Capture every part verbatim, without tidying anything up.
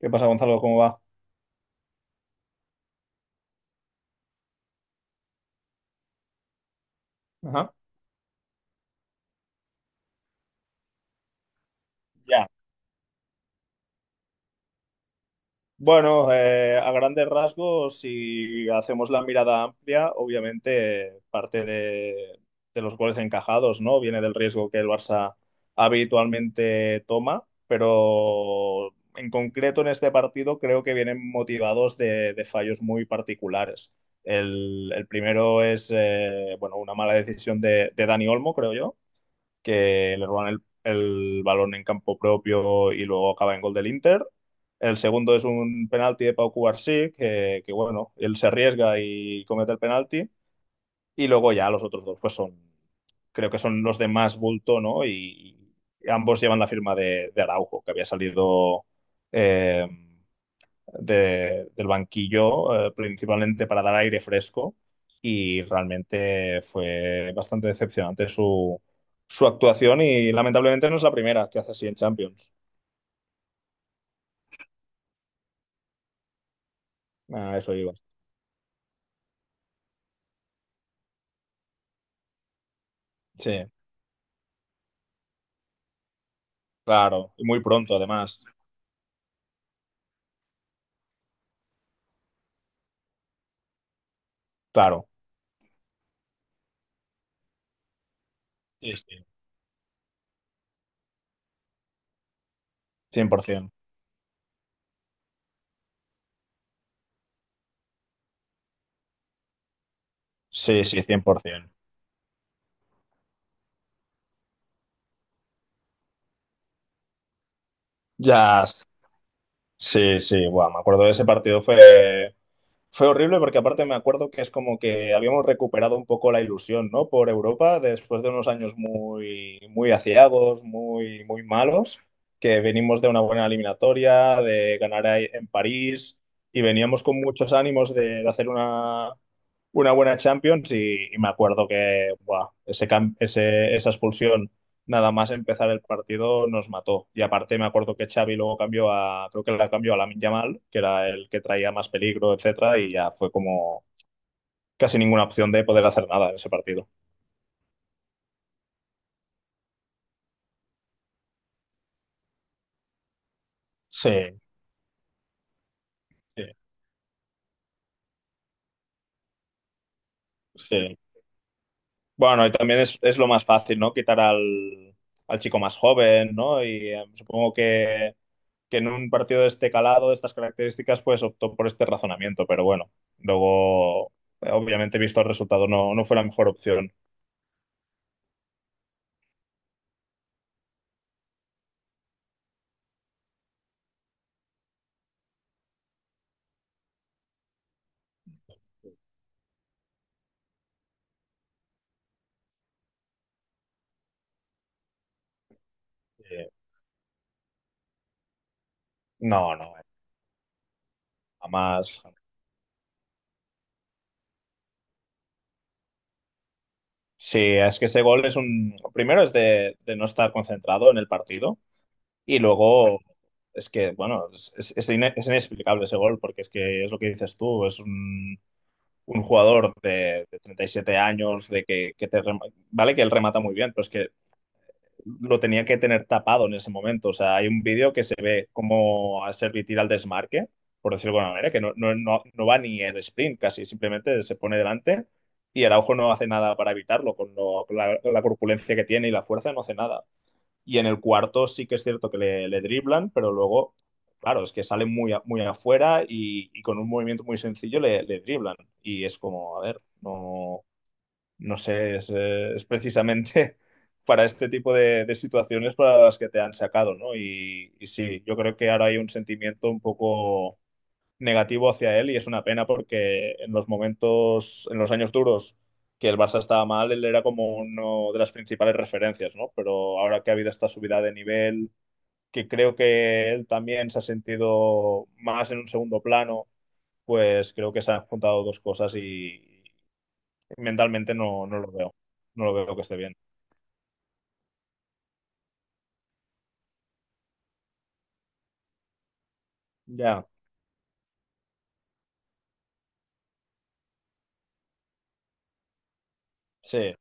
¿Qué pasa, Gonzalo? ¿Cómo va? Ajá. Ya. Bueno, eh, a grandes rasgos, si hacemos la mirada amplia, obviamente parte de, de los goles encajados, ¿no? Viene del riesgo que el Barça habitualmente toma, pero en concreto en este partido creo que vienen motivados de, de fallos muy particulares. El, el primero es, eh, bueno, una mala decisión de, de Dani Olmo, creo yo que le roban el, el balón en campo propio y luego acaba en gol del Inter. El segundo es un penalti de Pau Cubarsí, que, que bueno, él se arriesga y comete el penalti. Y luego ya los otros dos, pues son, creo que son los de más bulto, ¿no? Y, y ambos llevan la firma de, de Araujo, que había salido. eh, de- del banquillo, eh, principalmente para dar aire fresco, y realmente fue bastante decepcionante su, su actuación y lamentablemente no es la primera que hace así en Champions. A eso iba. Sí, claro, y muy pronto además, claro, sí, sí, cien por ciento. Sí, sí, cien por ciento. Ya, sí, sí, buah, me acuerdo de ese partido, fue. Fue horrible porque aparte me acuerdo que es como que habíamos recuperado un poco la ilusión, ¿no? Por Europa después de unos años muy, muy aciagos, muy, muy malos, que venimos de una buena eliminatoria, de ganar ahí en París y veníamos con muchos ánimos de, de hacer una, una buena Champions y, y me acuerdo que, buah, ese, cam- ese- esa expulsión nada más empezar el partido nos mató. Y aparte me acuerdo que Xavi luego cambió a, creo que la cambió a Lamine Yamal, que era el que traía más peligro, etcétera, y ya fue como casi ninguna opción de poder hacer nada en ese partido. Sí, sí, sí. Bueno, y también es, es lo más fácil, ¿no? Quitar al, al chico más joven, ¿no? Y eh, supongo que, que en un partido de este calado, de estas características, pues optó por este razonamiento, pero bueno, luego, eh, obviamente, visto el resultado, no, no fue la mejor opción. Eh, no, no, jamás. Sí, es que ese gol es un. Primero es de, de no estar concentrado en el partido y luego es que, bueno, es, es- es ine- es inexplicable ese gol porque es que es lo que dices tú, es un, un jugador de, de treinta y siete años, de que, que te... rema-. Vale que él remata muy bien, pero es que lo tenía que tener tapado en ese momento. O sea, hay un vídeo que se ve como a Servi tira al desmarque, por decirlo de alguna manera, que no, no, no, no va ni el sprint casi, simplemente se pone delante y Araujo no hace nada para evitarlo, con, lo- con la, la corpulencia que tiene y la fuerza no hace nada. Y en el cuarto sí que es cierto que le, le driblan, pero luego, claro, es que sale muy, a- muy afuera y, y con un movimiento muy sencillo le, le driblan. Y es como, a ver, no no sé, es, eh, es precisamente para este tipo de, de situaciones para las que te han sacado, ¿no? Y, y sí, yo creo que ahora hay un sentimiento un poco negativo hacia él y es una pena porque en los momentos, en los años duros que el Barça estaba mal, él era como uno de las principales referencias, ¿no? Pero ahora que ha habido esta subida de nivel, que creo que él también se ha sentido más en un segundo plano, pues creo que se han juntado dos cosas y mentalmente no, no lo veo. No lo veo que esté bien. Ya, sí,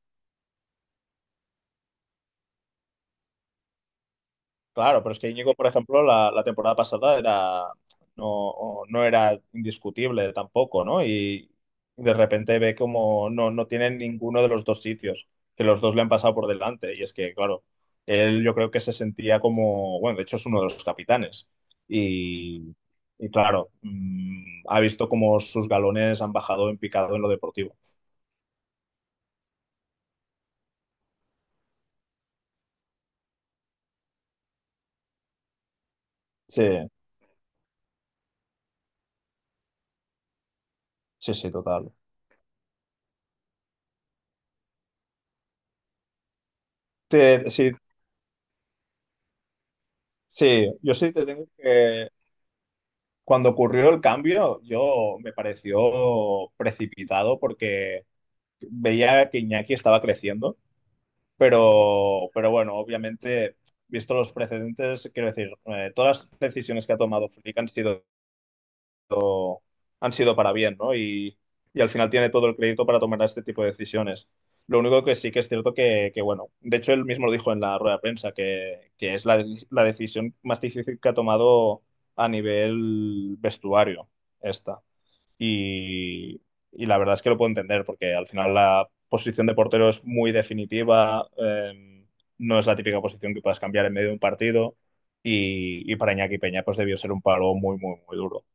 claro, pero es que Íñigo, por ejemplo, la, la temporada pasada era no, no era indiscutible tampoco, ¿no? Y de repente ve como no, no tiene ninguno de los dos sitios, que los dos le han pasado por delante. Y es que, claro, él yo creo que se sentía como, bueno, de hecho es uno de los capitanes. Y, y claro, mm, ha visto como sus galones han bajado en picado en lo deportivo. Sí, sí, sí, total. Te- si. Sí, yo sí te tengo que... Cuando ocurrió el cambio, yo me pareció precipitado porque veía que Iñaki estaba creciendo, pero, pero bueno, obviamente, visto los precedentes, quiero decir, eh, todas las decisiones que ha tomado Flick han sido han sido para bien, ¿no? Y, y al final tiene todo el crédito para tomar este tipo de decisiones. Lo único que sí que es cierto que, que, bueno, de hecho él mismo lo dijo en la rueda de prensa, que, que es la, la decisión más difícil que ha tomado a nivel vestuario esta. Y, y la verdad es que lo puedo entender, porque al final la posición de portero es muy definitiva, eh, no es la típica posición que puedas cambiar en medio de un partido, y, y para Iñaki Peña pues debió ser un palo muy, muy, muy duro.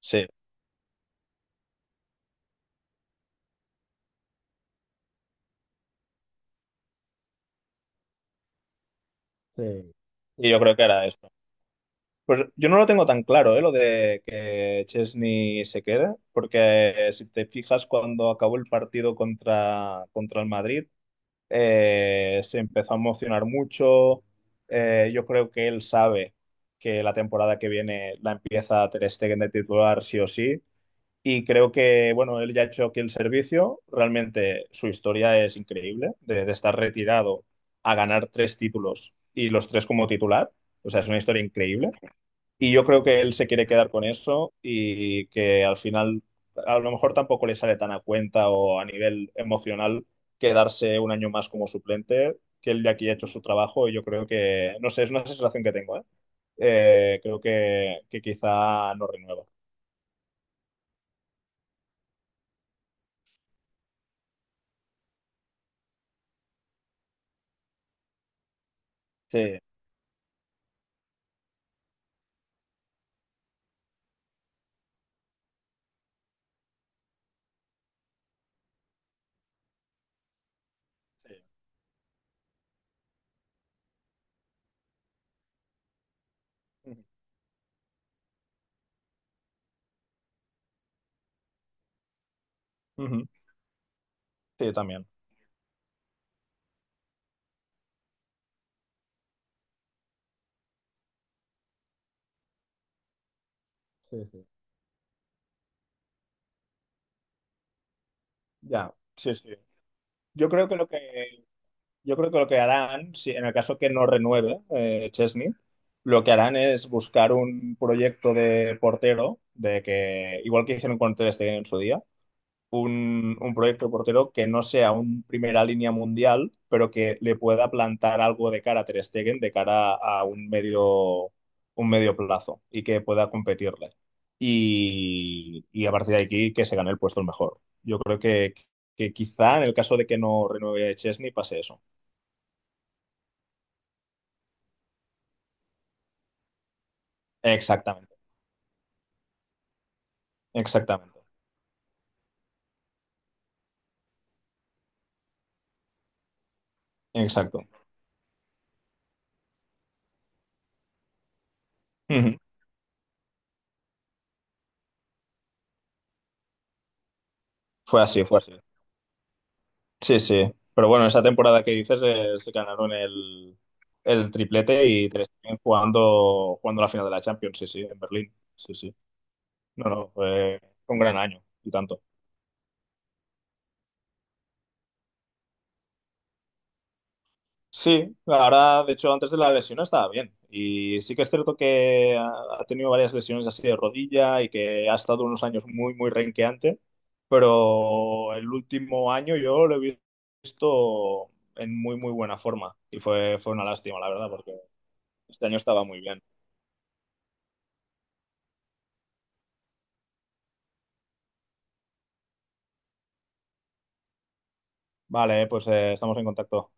Sí, sí. Y yo creo que era eso. Pues yo no lo tengo tan claro, ¿eh? Lo de que Chesney se quede, porque eh, si te fijas, cuando acabó el partido contra, contra el Madrid, eh, se empezó a emocionar mucho. Eh, yo creo que él sabe que la temporada que viene la empieza Ter Stegen de titular sí o sí. Y creo que, bueno, él ya ha hecho aquí el servicio. Realmente su historia es increíble, de, de estar retirado a ganar tres títulos y los tres como titular. O sea, es una historia increíble. Y yo creo que él se quiere quedar con eso y que al final, a lo mejor tampoco le sale tan a cuenta o a nivel emocional quedarse un año más como suplente, que él ya aquí ha hecho su trabajo y yo creo que, no sé, es una sensación que tengo, ¿eh? Eh, creo que, que quizá no renueva. Sí, sí. Ujú. Sí, también. Sí, sí. Ya, sí, sí. Yo creo que lo que, yo creo que lo que harán, si en el caso que no renueve eh, Chesney, lo que harán es buscar un proyecto de portero, de que, igual que hicieron con Ter Stegen en su día, un, un proyecto de portero que no sea un primera línea mundial, pero que le pueda plantar algo de cara a Ter Stegen, de cara a un medio, un medio plazo y que pueda competirle. Y, y a partir de aquí que se gane el puesto el mejor. Yo creo que, que quizá en el caso de que no renueve Chesney pase eso. Exactamente, exactamente, exacto. Ujú. Fue así, fue así. Sí, sí. Pero bueno, esa temporada que dices eh, se ganaron el, el triplete y Ter Stegen jugando, jugando la final de la Champions, sí, sí, en Berlín. Sí, sí. No, no, fue un gran año y tanto. Sí, ahora, de hecho, antes de la lesión estaba bien. Y sí que es cierto que ha ha tenido varias lesiones así de rodilla y que ha estado unos años muy, muy renqueante. Pero el último año yo lo he visto en muy, muy buena forma. Y fue, fue una lástima, la verdad, porque este año estaba muy bien. Vale, pues eh, estamos en contacto.